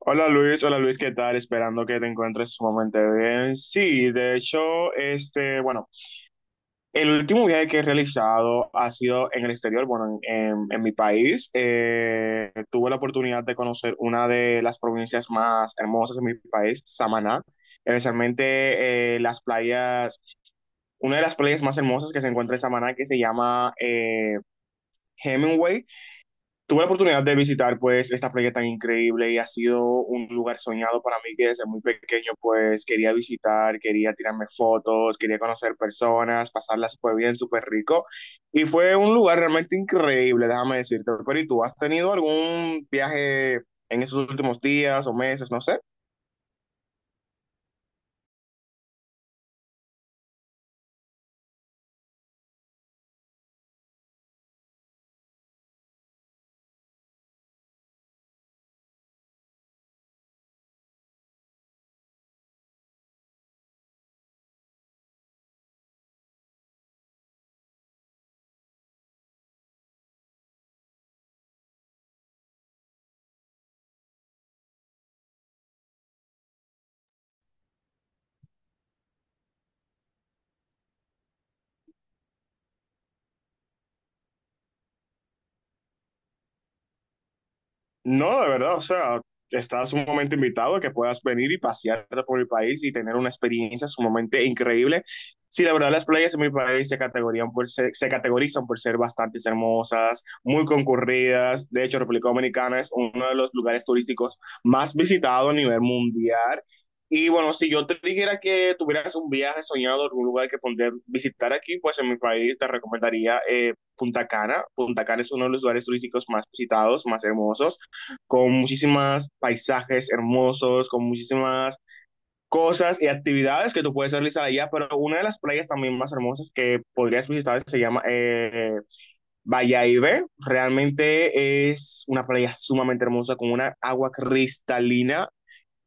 Hola Luis, ¿qué tal? Esperando que te encuentres sumamente bien. Sí, de hecho, este, bueno, el último viaje que he realizado ha sido en el exterior, bueno, en mi país. Tuve la oportunidad de conocer una de las provincias más hermosas de mi país, Samaná, especialmente las playas, una de las playas más hermosas que se encuentra en Samaná, que se llama Hemingway. Tuve la oportunidad de visitar pues esta playa tan increíble y ha sido un lugar soñado para mí que desde muy pequeño pues quería visitar, quería tirarme fotos, quería conocer personas, pasarla súper bien, súper rico y fue un lugar realmente increíble, déjame decirte. Pero ¿y tú has tenido algún viaje en esos últimos días o meses, no sé? No, de verdad, o sea, estás sumamente invitado a que puedas venir y pasear por el país y tener una experiencia sumamente increíble. Sí, la verdad, las playas en mi país se categorizan por ser bastante hermosas, muy concurridas. De hecho, República Dominicana es uno de los lugares turísticos más visitados a nivel mundial. Y bueno, si yo te dijera que tuvieras un viaje soñado, algún lugar que poder visitar aquí, pues en mi país te recomendaría Punta Cana. Punta Cana es uno de los lugares turísticos más visitados, más hermosos, con muchísimos paisajes hermosos, con muchísimas cosas y actividades que tú puedes realizar allá, pero una de las playas también más hermosas que podrías visitar se llama Vallaibe. Realmente es una playa sumamente hermosa con una agua cristalina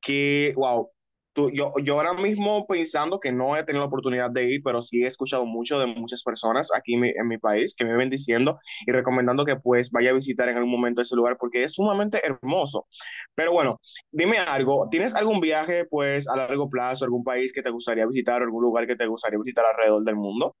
que, wow, yo ahora mismo pensando que no he tenido la oportunidad de ir, pero sí he escuchado mucho de muchas personas aquí en mi país que me ven diciendo y recomendando que pues vaya a visitar en algún momento ese lugar porque es sumamente hermoso. Pero bueno, dime algo, ¿tienes algún viaje pues a largo plazo, algún país que te gustaría visitar, algún lugar que te gustaría visitar alrededor del mundo?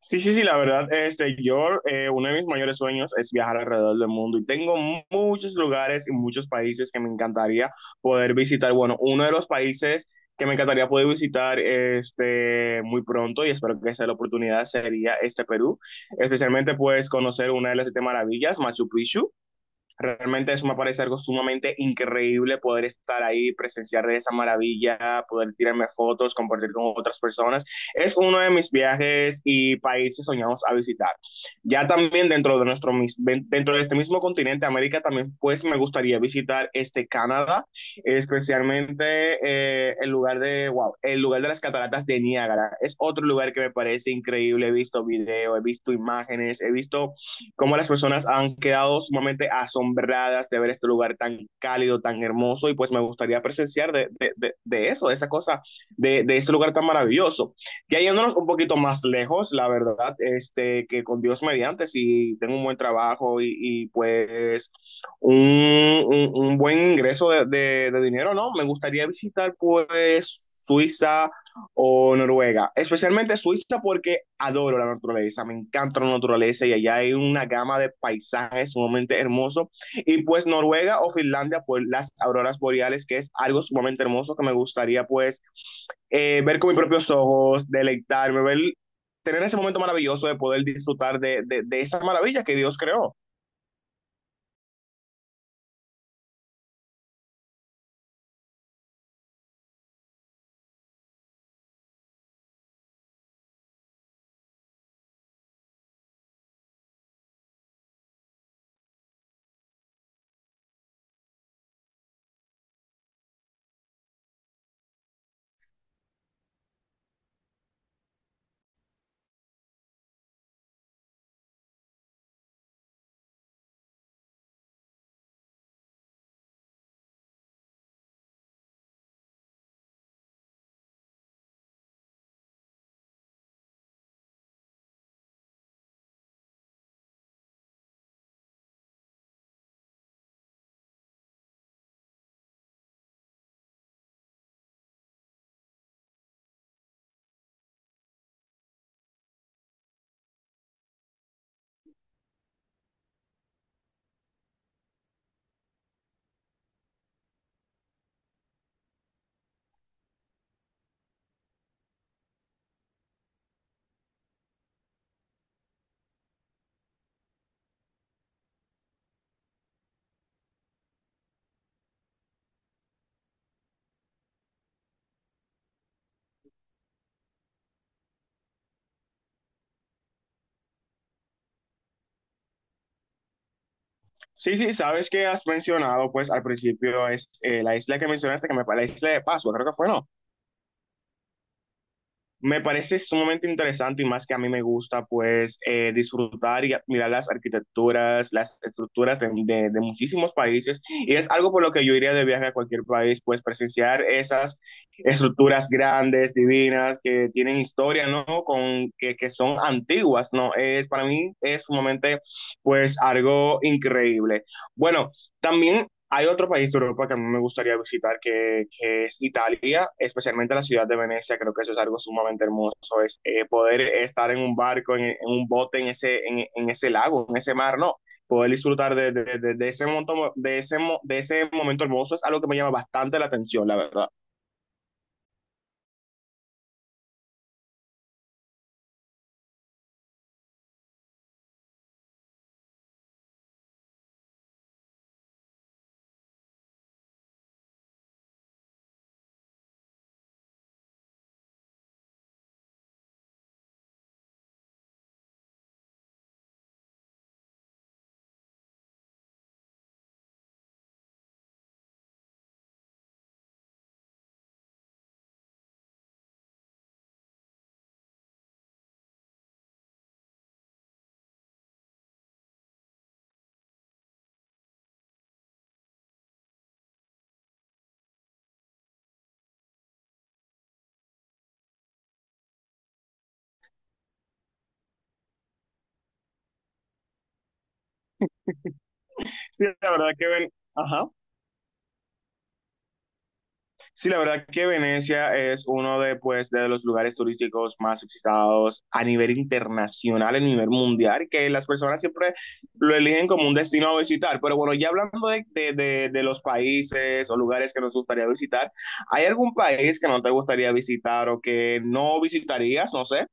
Sí, sí, sí, la verdad, este, yo, uno de mis mayores sueños es viajar alrededor del mundo y tengo muchos lugares y muchos países que me encantaría poder visitar. Bueno, uno de los países que me encantaría poder visitar este, muy pronto y espero que sea la oportunidad sería este Perú, especialmente pues conocer una de las siete maravillas, Machu Picchu. Realmente eso me parece algo sumamente increíble poder estar ahí, presenciar esa maravilla, poder tirarme fotos, compartir con otras personas. Es uno de mis viajes y países soñados a visitar. Ya también dentro de dentro de este mismo continente, América, también pues me gustaría visitar este Canadá, especialmente el lugar de, wow, el lugar de las cataratas de Niágara. Es otro lugar que me parece increíble. He visto video, he visto imágenes, he visto cómo las personas han quedado sumamente asombradas de ver este lugar tan cálido, tan hermoso, y pues me gustaría presenciar de eso, de esa cosa, de ese lugar tan maravilloso. Ya yéndonos un poquito más lejos, la verdad, este, que con Dios mediante, si tengo un buen trabajo y pues un, buen ingreso de dinero, ¿no? Me gustaría visitar pues Suiza, o Noruega, especialmente Suiza porque adoro la naturaleza, me encanta la naturaleza y allá hay una gama de paisajes sumamente hermosos y pues Noruega o Finlandia por las auroras boreales que es algo sumamente hermoso que me gustaría pues ver con mis propios ojos, deleitarme, ver, tener ese momento maravilloso de poder disfrutar de esa maravilla que Dios creó. Sí, sí, sabes que has mencionado pues al principio es la isla que mencionaste, que me, la isla de Pascua, creo que fue, ¿no? Me parece sumamente interesante y más que a mí me gusta, pues, disfrutar y mirar las arquitecturas, las estructuras de muchísimos países. Y es algo por lo que yo iría de viaje a cualquier país, pues, presenciar esas estructuras grandes, divinas, que tienen historia, ¿no? Con, que son antiguas, ¿no? Es, para mí es sumamente, pues, algo increíble. Bueno, también hay otro país de Europa que a mí me gustaría visitar, que es Italia, especialmente la ciudad de Venecia. Creo que eso es algo sumamente hermoso, es poder estar en un barco, en un bote, en ese, en ese lago, en ese mar, no. Poder disfrutar de ese de ese, de ese momento hermoso es algo que me llama bastante la atención, la verdad. Sí, la verdad que ven. Ajá. Sí, la verdad que Venecia es uno de, pues, de los lugares turísticos más visitados a nivel internacional, a nivel mundial, que las personas siempre lo eligen como un destino a visitar. Pero bueno, ya hablando de los países o lugares que nos gustaría visitar, ¿hay algún país que no te gustaría visitar o que no visitarías? No sé.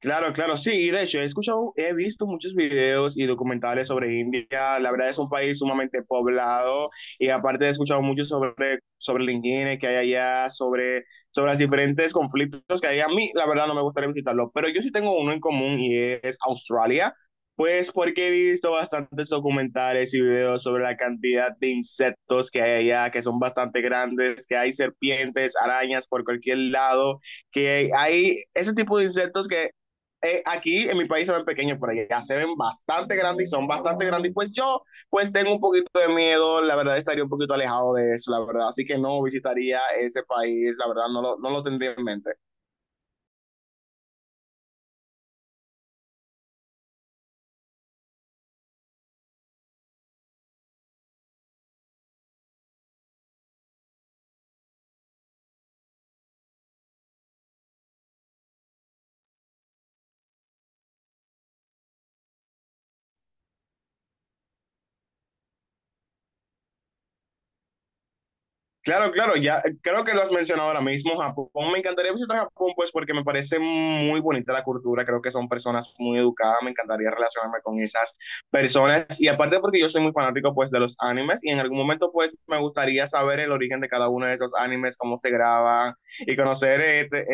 Claro, claro, sí, y de hecho he escuchado, he visto muchos videos y documentales sobre India, la verdad es un país sumamente poblado y aparte he escuchado mucho sobre la higiene que hay allá, sobre, sobre los diferentes conflictos que hay a mí, la verdad no me gustaría visitarlo, pero yo sí tengo uno en común y es Australia, pues porque he visto bastantes documentales y videos sobre la cantidad de insectos que hay allá, que son bastante grandes, que hay serpientes, arañas por cualquier lado que hay ese tipo de insectos que aquí en mi país se ven pequeños, pero allá se ven bastante grandes y son bastante grandes. Y pues yo, pues tengo un poquito de miedo, la verdad estaría un poquito alejado de eso, la verdad. Así que no visitaría ese país, la verdad no lo tendría en mente. Claro, claro, ya creo que lo has mencionado ahora mismo, Japón. Me encantaría visitar Japón, pues porque me parece muy bonita la cultura, creo que son personas muy educadas, me encantaría relacionarme con esas personas y aparte porque yo soy muy fanático pues de los animes y en algún momento pues me gustaría saber el origen de cada uno de esos animes, cómo se graban y conocer eh, eh,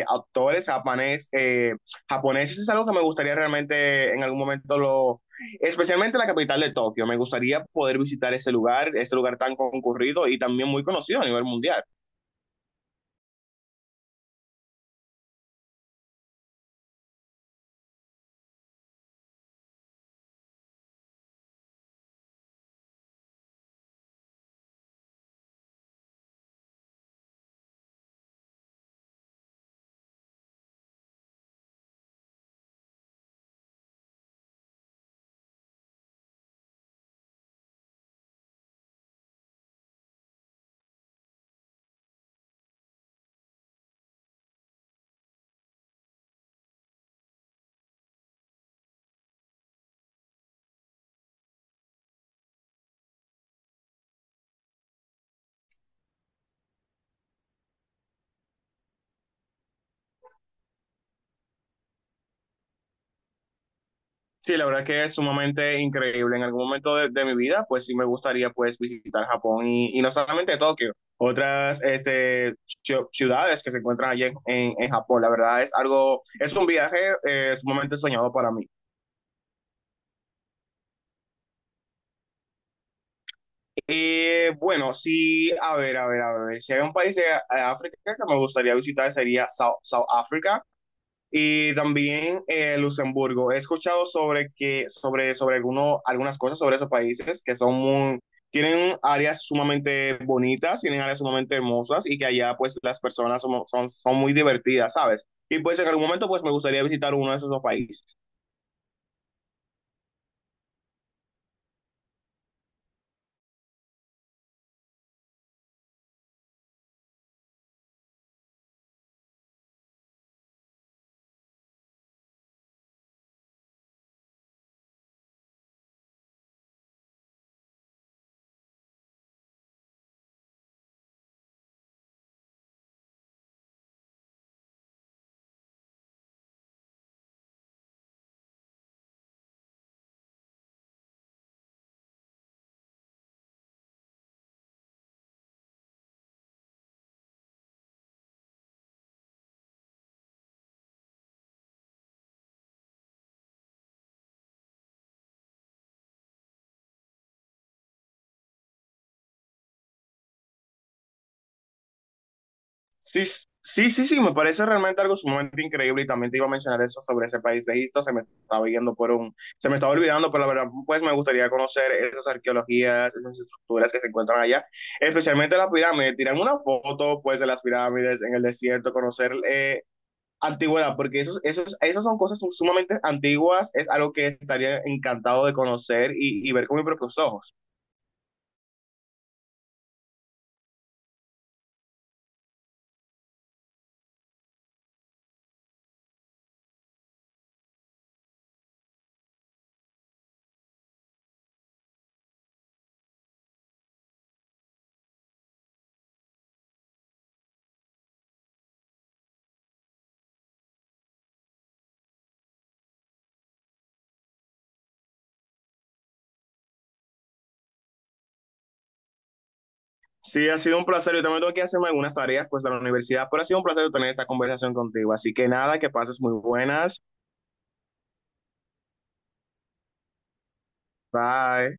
eh, autores japonés, japoneses es algo que me gustaría realmente en algún momento lo, especialmente la capital de Tokio. Me gustaría poder visitar ese lugar tan concurrido y también muy conocido a nivel mundial. Sí, la verdad que es sumamente increíble. En algún momento de mi vida, pues sí me gustaría pues visitar Japón y no solamente Tokio, otras este, ciudades que se encuentran allí en Japón. La verdad es algo, es un viaje sumamente soñado para mí. Bueno, sí, a ver, a ver, a ver. Si hay un país de África que me gustaría visitar sería South Africa. Y también Luxemburgo. He escuchado sobre que, sobre alguno, algunas cosas sobre esos países que son muy, tienen áreas sumamente bonitas, tienen áreas sumamente hermosas y que allá pues las personas son, son muy divertidas, ¿sabes? Y pues en algún momento pues me gustaría visitar uno de esos dos países. Sí, sí, sí, sí, me parece realmente algo sumamente increíble y también te iba a mencionar eso sobre ese país de Egipto, se me estaba yendo por un, se me estaba olvidando, pero la verdad, pues me gustaría conocer esas arqueologías, esas estructuras que se encuentran allá, especialmente las pirámides, tirar una foto pues de las pirámides en el desierto, conocer antigüedad, porque esas son cosas sumamente antiguas, es algo que estaría encantado de conocer y ver con mis propios ojos. Sí, ha sido un placer. Yo también tengo que hacerme algunas tareas pues de la universidad, pero ha sido un placer tener esta conversación contigo. Así que nada, que pases muy buenas. Bye.